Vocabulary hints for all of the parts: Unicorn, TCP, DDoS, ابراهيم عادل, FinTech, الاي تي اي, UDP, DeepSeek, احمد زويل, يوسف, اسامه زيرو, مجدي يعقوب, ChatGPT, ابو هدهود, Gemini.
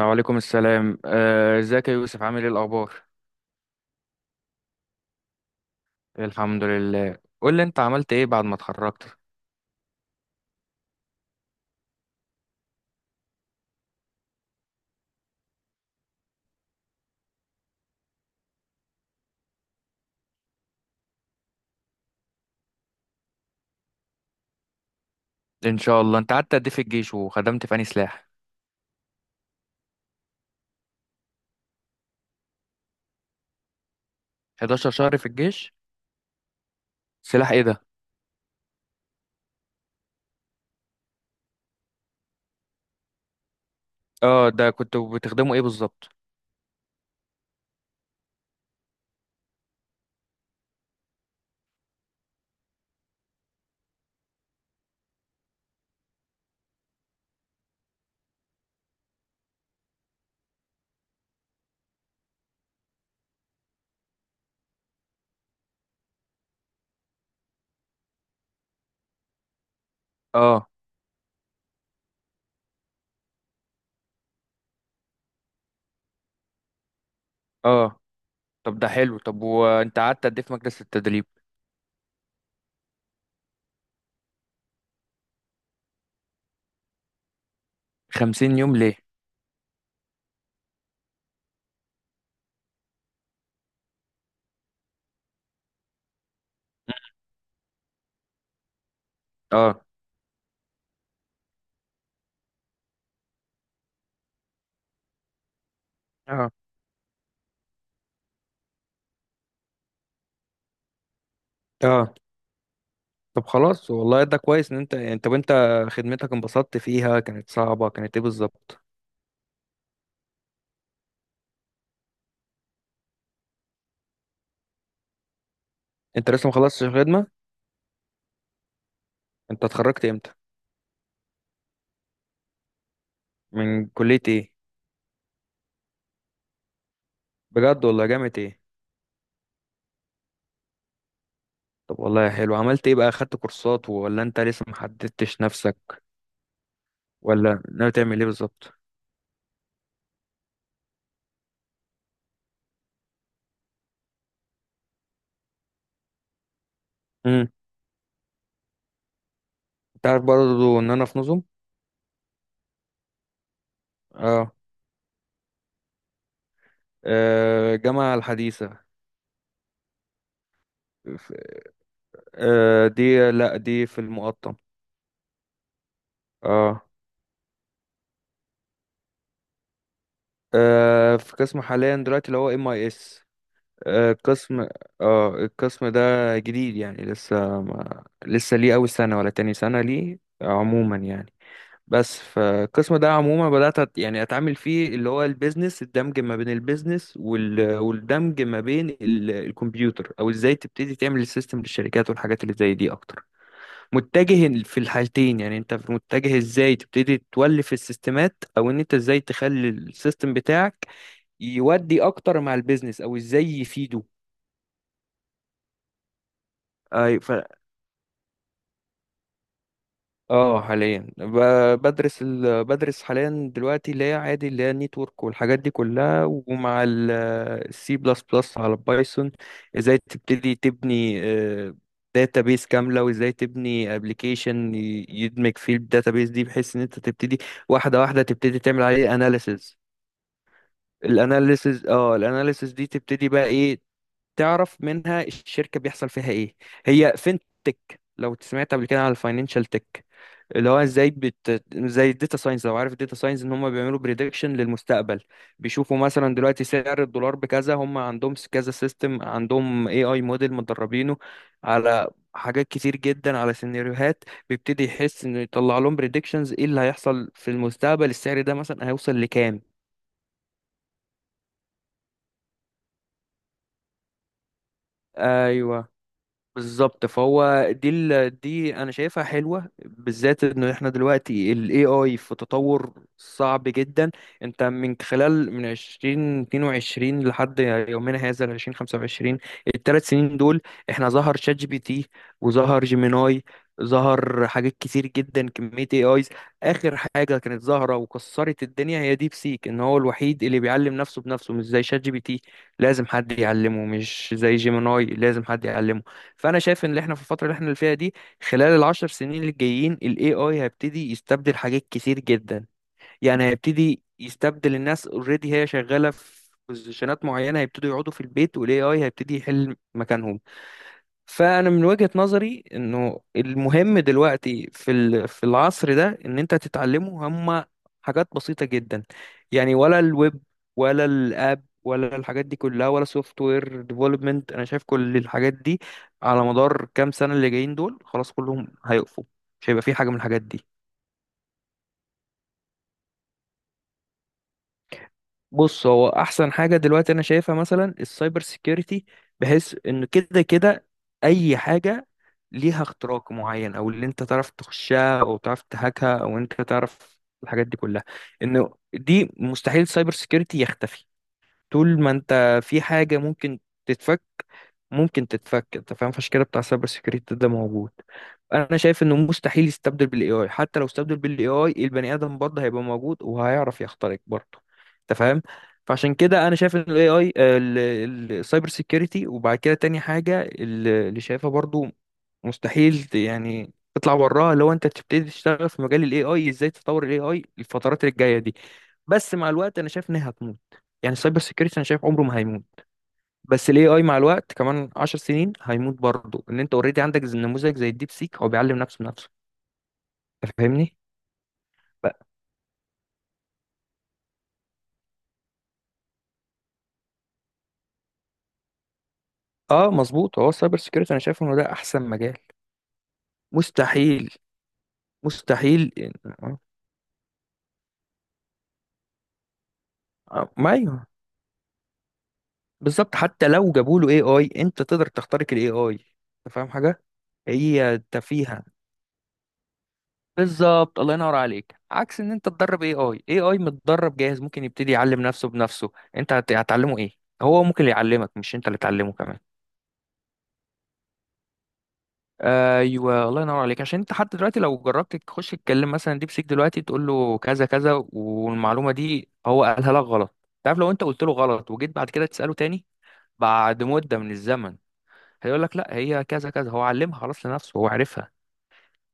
وعليكم السلام، ازيك يا يوسف؟ عامل ايه الاخبار؟ الحمد لله. قول لي انت عملت ايه بعد ما اتخرجت؟ ان شاء الله. انت قعدت قد ايه في الجيش وخدمت في انهي سلاح؟ 11 شهر في الجيش؟ سلاح ايه ده؟ اه. ده كنت بتخدمه ايه بالظبط؟ اه. اه. طب ده حلو. طب وانت قعدت قد ايه في مجلس التدريب؟ 50 يوم ليه؟ اه. اه. اه. طب خلاص، والله ده كويس ان انت يعني. طب انت وانت خدمتك انبسطت فيها؟ كانت صعبة؟ كانت ايه بالظبط؟ انت لسه ما خلصتش الخدمة؟ انت اتخرجت امتى؟ من كلية ايه؟ بجد والله؟ جامعة ايه؟ طب والله حلو. عملت ايه بقى؟ خدت كورسات ولا انت لسه محددتش نفسك؟ ولا ناوي تعمل ايه بالظبط؟ امم. انت عارف برضه ان انا في نظم. اه. الجامعة الحديثة. ف- دي، لا، دي في المقطم. اه. في قسم حاليا دلوقتي اللي هو ام اي اس. قسم اه القسم ده جديد، يعني لسه ما... لسه ليه اول سنة ولا تاني سنة ليه عموما يعني. بس فالقسم ده عموما بدأت يعني أتعامل فيه اللي هو البيزنس، الدمج ما بين البيزنس والدمج ما بين الكمبيوتر، أو إزاي تبتدي تعمل السيستم للشركات والحاجات اللي زي دي أكتر. متجه في الحالتين، يعني أنت متجه إزاي تبتدي تولف السيستمات، أو إن أنت إزاي تخلي السيستم بتاعك يودي أكتر مع البيزنس أو إزاي يفيده. اه، حاليا بدرس بدرس حاليا دلوقتي اللي هي عادي، اللي هي النيتورك والحاجات دي كلها، ومع السي بلس بلس على البايثون. ازاي تبتدي تبني داتابيس كاملة، وازاي تبني ابلكيشن يدمج فيه الداتابيس دي بحيث ان انت تبتدي واحدة واحدة تبتدي تعمل عليه اناليسز. الاناليسز دي تبتدي بقى ايه؟ تعرف منها الشركة بيحصل فيها ايه. هي فينتك، لو سمعت قبل كده على الفاينانشال تك، اللي هو ازاي زي الداتا ساينس، لو عارف الداتا ساينس، ان هم بيعملوا بريدكشن للمستقبل. بيشوفوا مثلا دلوقتي سعر الدولار بكذا، هم عندهم كذا سيستم، عندهم اي اي موديل مدربينه على حاجات كتير جدا، على سيناريوهات، بيبتدي يحس انه يطلع لهم بريدكشنز ايه اللي هيحصل في المستقبل، السعر ده مثلا هيوصل لكام. ايوه، بالظبط. فهو دي انا شايفها حلوه، بالذات ان احنا دلوقتي ال AI في تطور صعب جدا. انت من خلال من 2022 لحد يومنا هذا ال 2025، الثلاث سنين دول احنا ظهر شات جي بي تي، وظهر جيميناي، ظهر حاجات كتير جدا، كمية AIs. آخر حاجة كانت ظاهرة وكسرت الدنيا هي ديب سيك، إن هو الوحيد اللي بيعلم نفسه بنفسه، مش زي شات جي بي تي لازم حد يعلمه، مش زي جيميناي لازم حد يعلمه. فانا شايف ان اللي احنا في الفتره اللي احنا فيها دي، خلال العشر سنين الجايين، الاي اي هيبتدي يستبدل حاجات كتير جدا. يعني هيبتدي يستبدل الناس، اوريدي هي شغاله في بوزيشنات معينه، هيبتدوا يقعدوا في البيت والاي اي هيبتدي يحل مكانهم. فانا من وجهة نظري انه المهم دلوقتي في العصر ده، ان انت تتعلمه هما حاجات بسيطة جدا. يعني ولا الويب، ولا الاب، ولا الحاجات دي كلها، ولا سوفت وير ديفلوبمنت، انا شايف كل الحاجات دي على مدار كام سنة اللي جايين دول خلاص كلهم هيقفوا، مش هيبقى في حاجة من الحاجات دي. بص، هو احسن حاجه دلوقتي انا شايفها مثلا السايبر سيكيورتي، بحيث ان كده كده اي حاجه ليها اختراق معين، او اللي انت تعرف تخشها، او تعرف تهاكها، او انت تعرف الحاجات دي كلها. انه دي مستحيل السايبر سيكيورتي يختفي. طول ما انت في حاجه ممكن تتفك، ممكن تتفك، انت فاهم، فالشكل بتاع سايبر سيكيورتي ده موجود. انا شايف انه مستحيل يستبدل بالاي اي. حتى لو استبدل بالاي اي، البني ادم برضه هيبقى موجود وهيعرف يخترق برضه، انت فاهم. فعشان كده انا شايف ان الاي اي السايبر سيكيورتي، وبعد كده تاني حاجه اللي شايفها برضه مستحيل يعني تطلع وراها، لو انت تبتدي تشتغل في مجال الاي اي، ازاي تطور الاي اي الفترات اللي جايه دي. بس مع الوقت انا شايف انها هتموت. يعني السايبر سيكيورتي انا شايف عمره ما هيموت، بس الاي اي مع الوقت كمان 10 سنين هيموت برضه، ان انت اوريدي عندك نموذج زي الديب سيك هو بيعلم نفسه بنفسه. أنت فاهمني؟ ف- اه مظبوط. هو السايبر سيكيورتي انا شايف انه ده احسن مجال. مستحيل. مستحيل ما ايوه، بالظبط. حتى لو جابوا له اي اي انت تقدر تخترق الاي اي، انت فاهم حاجه. هي تفيهه بالظبط، الله ينور عليك. عكس ان انت تدرب اي اي، اي اي متدرب جاهز ممكن يبتدي يعلم نفسه بنفسه، انت هتعلمه ايه؟ هو ممكن يعلمك، مش انت اللي تعلمه كمان. ايوه، الله ينور عليك. عشان انت حتى دلوقتي لو جربت تخش تتكلم مثلا ديب سيك دلوقتي، تقول له كذا كذا والمعلومه دي هو قالها لك غلط، تعرف، لو انت قلت له غلط وجيت بعد كده تساله تاني بعد مده من الزمن، هيقول لك لا هي كذا كذا، هو علمها خلاص لنفسه، هو عارفها.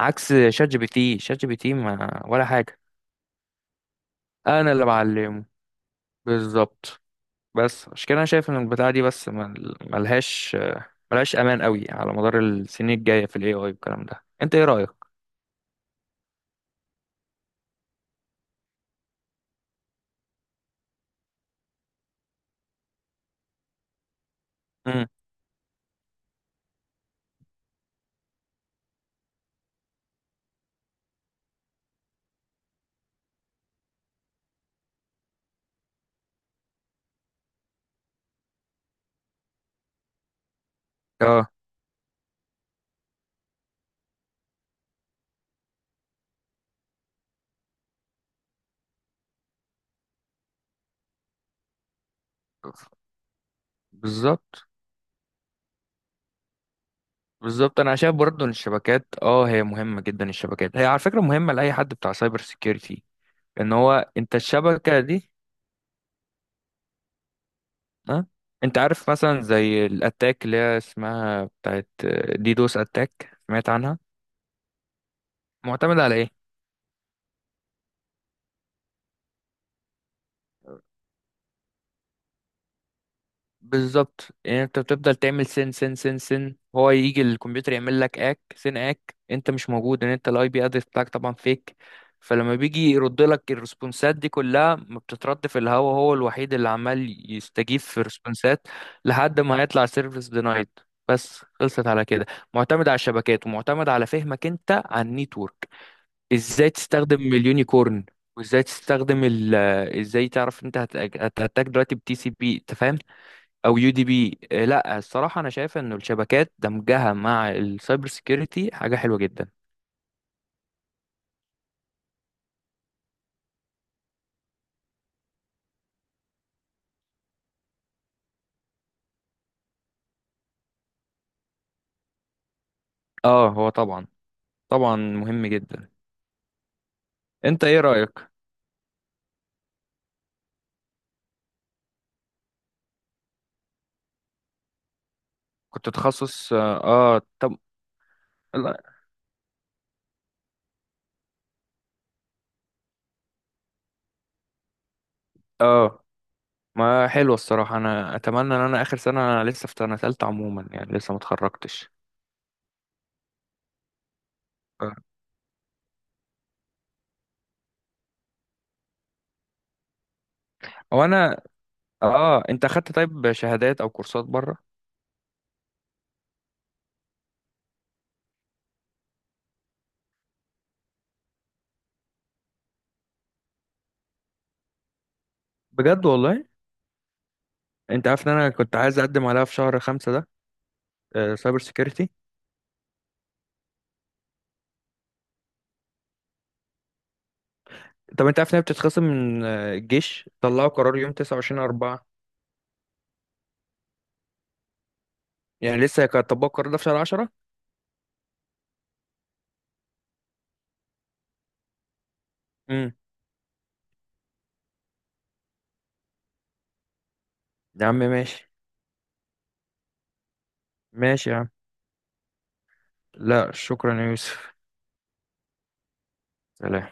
عكس شات جي بي تي، شات جي بي تي ما ولا حاجه. انا اللي بعلمه. بالظبط. بس عشان كده انا شايف ان البتاعه دي بس ملهاش امان قوي على مدار السنين الجايه في الاي اي والكلام ده. انت ايه رايك؟ امم. اه بالظبط. بالظبط انا شايف برضه ان الشبكات هي مهمه جدا. الشبكات هي على فكره مهمه لاي حد بتاع سايبر سيكيورتي، ان هو انت الشبكه دي. ها. انت عارف مثلا زي الاتاك اللي هي اسمها بتاعت ديدوس اتاك، سمعت عنها؟ معتمده على ايه؟ بالظبط. يعني انت بتفضل تعمل سن سن سن سن، هو يجي الكمبيوتر يعمل لك اك سن اك، انت مش موجود، ان انت الاي بي ادرس بتاعك طبعا فيك. فلما بيجي يرد لك الريسبونسات دي كلها، ما بتترد في الهوا، هو الوحيد اللي عمال يستجيب في الريسبونسات لحد ما هيطلع سيرفيس دينايد، بس. خلصت على كده. معتمد على الشبكات، ومعتمد على فهمك انت عن النيتورك، ازاي تستخدم اليونيكورن، وازاي تستخدم ال، ازاي تعرف انت هتأتاك دلوقتي بتي سي بي، انت فاهم، او يو دي بي. لا، الصراحه انا شايف انه الشبكات دمجها مع السايبر سيكيورتي حاجه حلوه جدا. اه هو طبعا. طبعا مهم جدا. انت ايه رايك؟ كنت تخصص طب. لا، اه ما حلوه الصراحه. انا اتمنى ان انا اخر سنه. انا لسه في سنه ثالثه عموما، يعني لسه ما اتخرجتش. آه. هو انا. اه انت اخدت طيب شهادات او كورسات بره؟ بجد والله. انت عارف ان انا كنت عايز اقدم عليها في شهر خمسة ده؟ سايبر سيكيورتي. طب انت عارف انها بتتخصم من الجيش طلعوا قرار يوم 29 4؟ يعني لسه كان طبقوا القرار ده في شهر 10. امم. يا عم ماشي. ماشي يا عم. لا، شكرا يا يوسف. سلام.